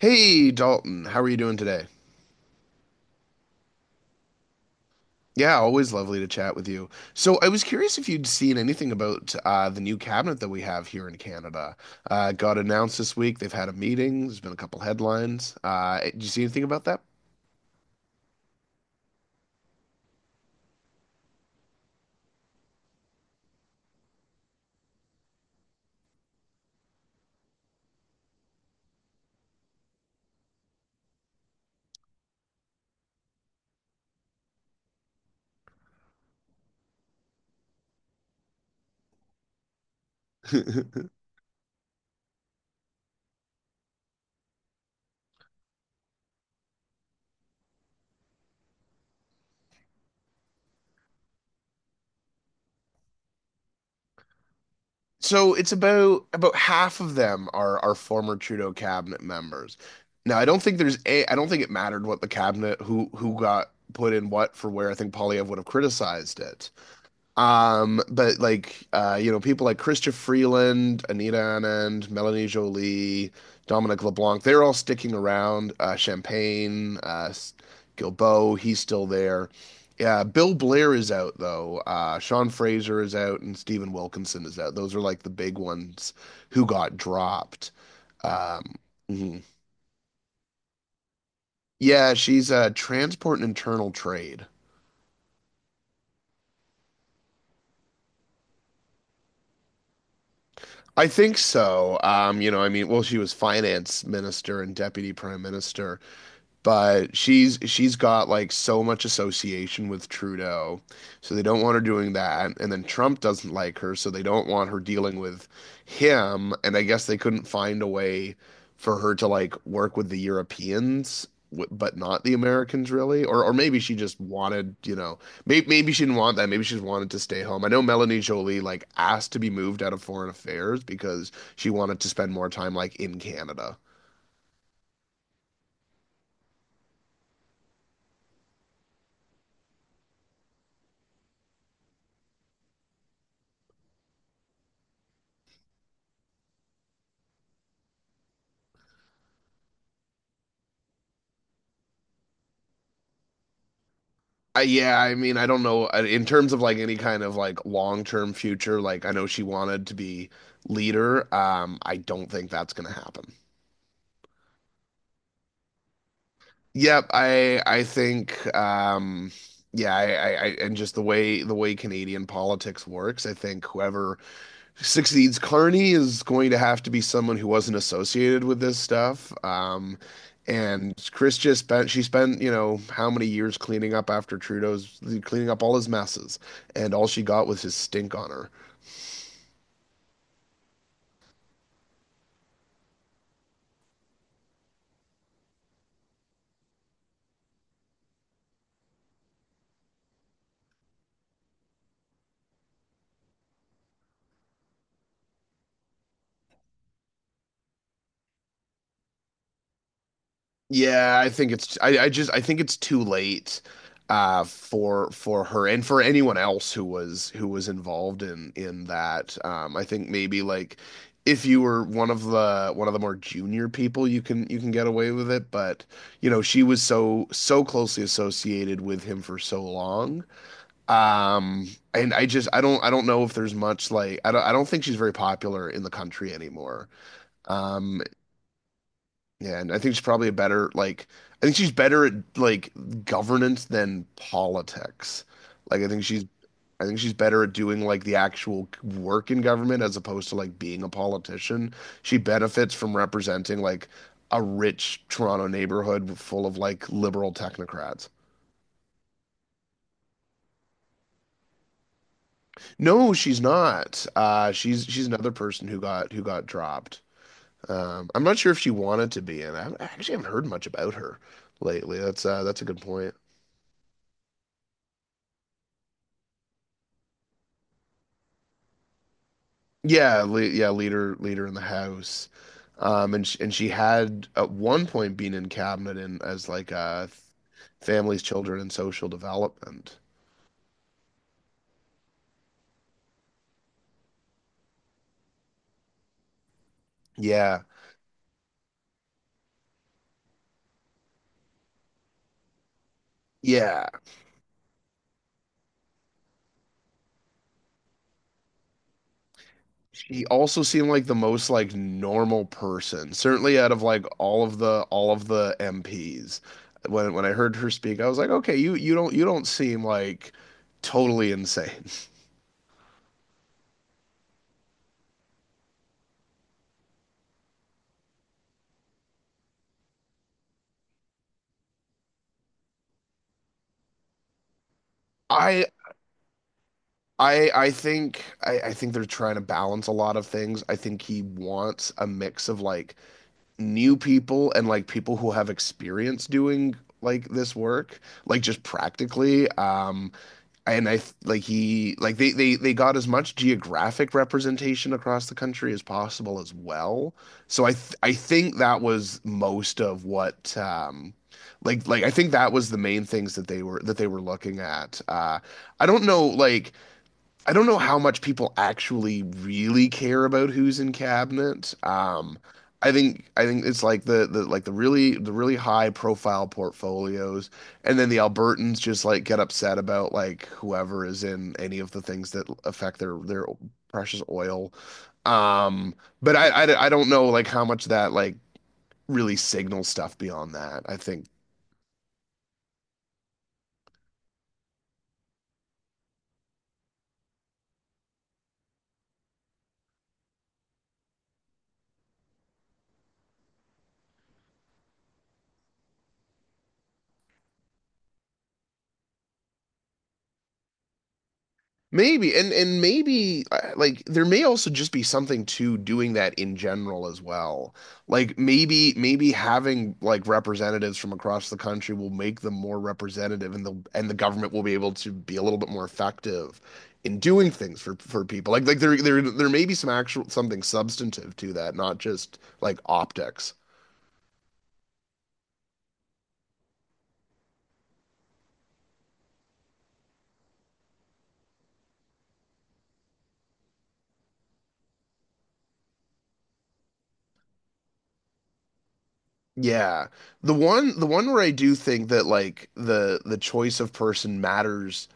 Hey Dalton, how are you doing today? Yeah, always lovely to chat with you. So I was curious if you'd seen anything about the new cabinet that we have here in Canada. It got announced this week. They've had a meeting. There's been a couple headlines. Did you see anything about that? So it's about half of them are former Trudeau cabinet members. Now I don't think there's a I don't think it mattered what the cabinet who got put in what for where. I think Polyev would have criticized it. But like people like Christopher Freeland, Anita Anand, Melanie Jolie, Dominic LeBlanc, they're all sticking around. Champagne, Gilbeau, he's still there. Yeah, Bill Blair is out though. Sean Fraser is out, and Stephen Wilkinson is out. Those are like the big ones who got dropped. Um, mhm. Yeah, she's transport and internal trade. I think so. You know, I mean, well, she was finance minister and deputy prime minister. But she's got like so much association with Trudeau, so they don't want her doing that. And then Trump doesn't like her, so they don't want her dealing with him. And I guess they couldn't find a way for her to like work with the Europeans, but not the Americans really. Or maybe she just wanted, you know, maybe she didn't want that. Maybe she just wanted to stay home. I know Melanie Jolie like asked to be moved out of foreign affairs because she wanted to spend more time like in Canada. Yeah, I mean, I don't know in terms of like any kind of like long-term future, like I know she wanted to be leader. I don't think that's gonna happen. Yep, I think um, yeah, I and just the way Canadian politics works, I think whoever succeeds Carney is going to have to be someone who wasn't associated with this stuff. And Chris just spent she spent you know how many years cleaning up after Trudeau's cleaning up all his messes, and all she got was his stink on her. Yeah, I think it's I just I think it's too late for her and for anyone else who was involved in that. Um, I think maybe like if you were one of the more junior people you can get away with it, but you know, she was so closely associated with him for so long. Um, and I just I don't know if there's much like I don't think she's very popular in the country anymore. Um, yeah, and I think she's probably a better like I think she's better at like governance than politics. Like I think she's better at doing like the actual work in government as opposed to like being a politician. She benefits from representing like a rich Toronto neighborhood full of like liberal technocrats. No, she's not. She's another person who got dropped. I'm not sure if she wanted to be, in. I haven't- I actually haven't heard much about her lately. That's a good point. Yeah, leader in the house. Um, and she had at one point been in cabinet in as like families, children and social development. Yeah. Yeah. She also seemed like the most like normal person, certainly out of like all of the MPs. When I heard her speak, I was like, "Okay, you you don't seem like totally insane." I I think I think they're trying to balance a lot of things. I think he wants a mix of like new people and like people who have experience doing like this work, like just practically. And I like he like they got as much geographic representation across the country as possible as well. So I th I think that was most of what like I think that was the main things that they were looking at. I don't know like. I don't know how much people actually really care about who's in cabinet. I think it's like the like the really high profile portfolios, and then the Albertans just like get upset about like whoever is in any of the things that affect their precious oil. Um, but I don't know like how much that like really signals stuff beyond that. I think maybe and maybe like there may also just be something to doing that in general as well. Like maybe having like representatives from across the country will make them more representative and the government will be able to be a little bit more effective in doing things for people. Like there there there may be some actual something substantive to that, not just like optics. Yeah. The one where I do think that like the choice of person matters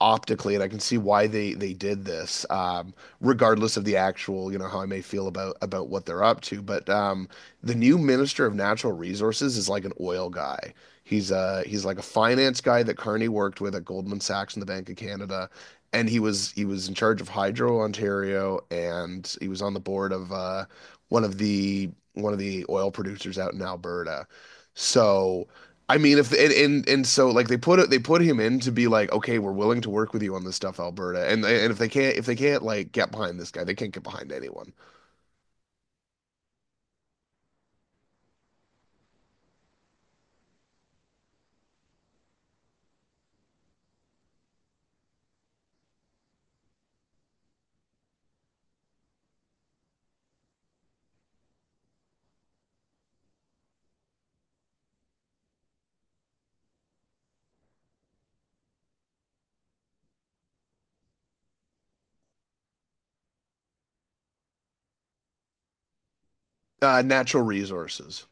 optically, and I can see why they did this, regardless of the actual, you know, how I may feel about what they're up to. But the new Minister of Natural Resources is like an oil guy. He's like a finance guy that Carney worked with at Goldman Sachs and the Bank of Canada, and he was in charge of Hydro Ontario, and he was on the board of one of the oil producers out in Alberta. So I mean, if and, and so like they put him in to be like, okay, we're willing to work with you on this stuff, Alberta. And if they can't like get behind this guy, they can't get behind anyone. Natural resources.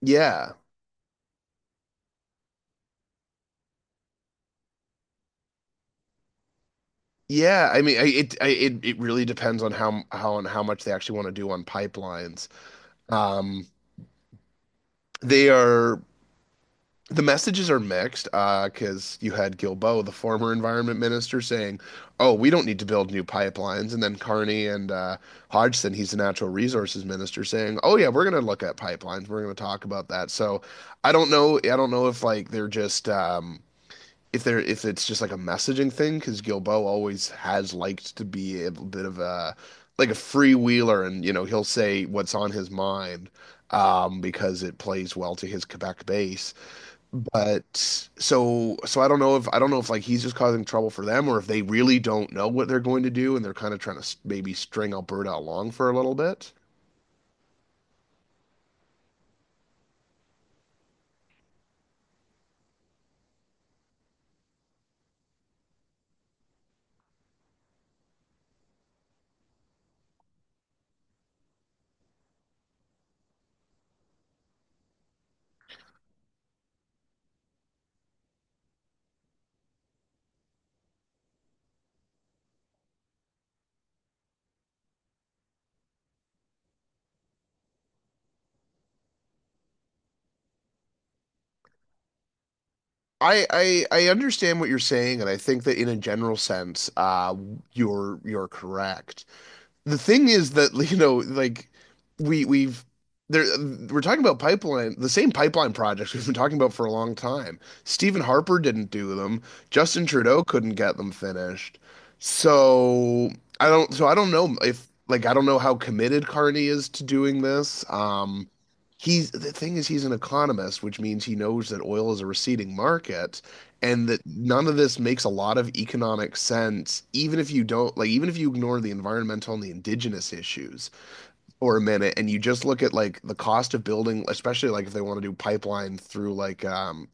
Yeah, yeah. I mean, it really depends on how on how much they actually want to do on pipelines. Um, they are the messages are mixed, because you had Gilbo, the former environment minister, saying, "Oh, we don't need to build new pipelines," and then Carney and Hodgson, he's the natural resources minister, saying, "Oh yeah, we're going to look at pipelines. We're going to talk about that." So I don't know. I don't know if like they're just if it's just like a messaging thing because Gilbo always has liked to be a bit of a like a freewheeler, and you know he'll say what's on his mind because it plays well to his Quebec base. But so I don't know if I don't know if like he's just causing trouble for them or if they really don't know what they're going to do and they're kind of trying to maybe string Alberta along for a little bit. I understand what you're saying, and I think that in a general sense, you're correct. The thing is that you know like we we've there we're talking about pipeline the same pipeline projects we've been talking about for a long time. Stephen Harper didn't do them. Justin Trudeau couldn't get them finished. So so I don't know if like I don't know how committed Carney is to doing this. Um, he's the thing is he's an economist, which means he knows that oil is a receding market and that none of this makes a lot of economic sense even if you don't like even if you ignore the environmental and the indigenous issues for a minute and you just look at like the cost of building, especially like if they want to do pipeline through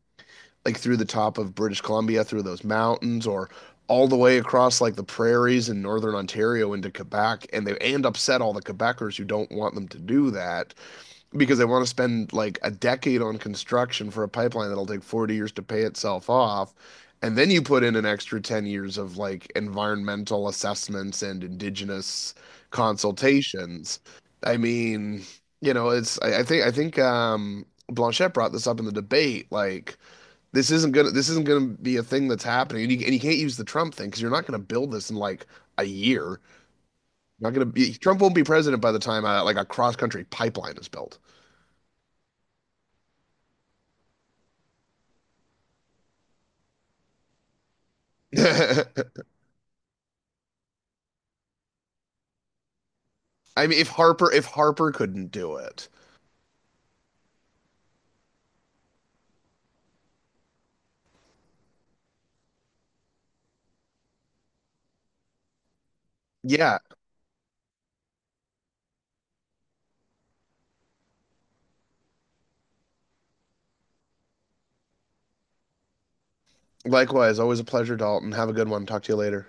like through the top of British Columbia through those mountains or all the way across like the prairies in northern Ontario into Quebec and they and upset all the Quebecers who don't want them to do that because they want to spend like a decade on construction for a pipeline that'll take 40 years to pay itself off. And then you put in an extra 10 years of like environmental assessments and indigenous consultations. I mean, you know, it's I think um, Blanchette brought this up in the debate. Like, this isn't gonna be a thing that's happening. And you can't use the Trump thing because you're not gonna build this in like a year. You're not gonna be Trump won't be president by the time like a cross country pipeline is built. I mean, if Harper couldn't do it, yeah. Likewise, always a pleasure, Dalton. Have a good one. Talk to you later.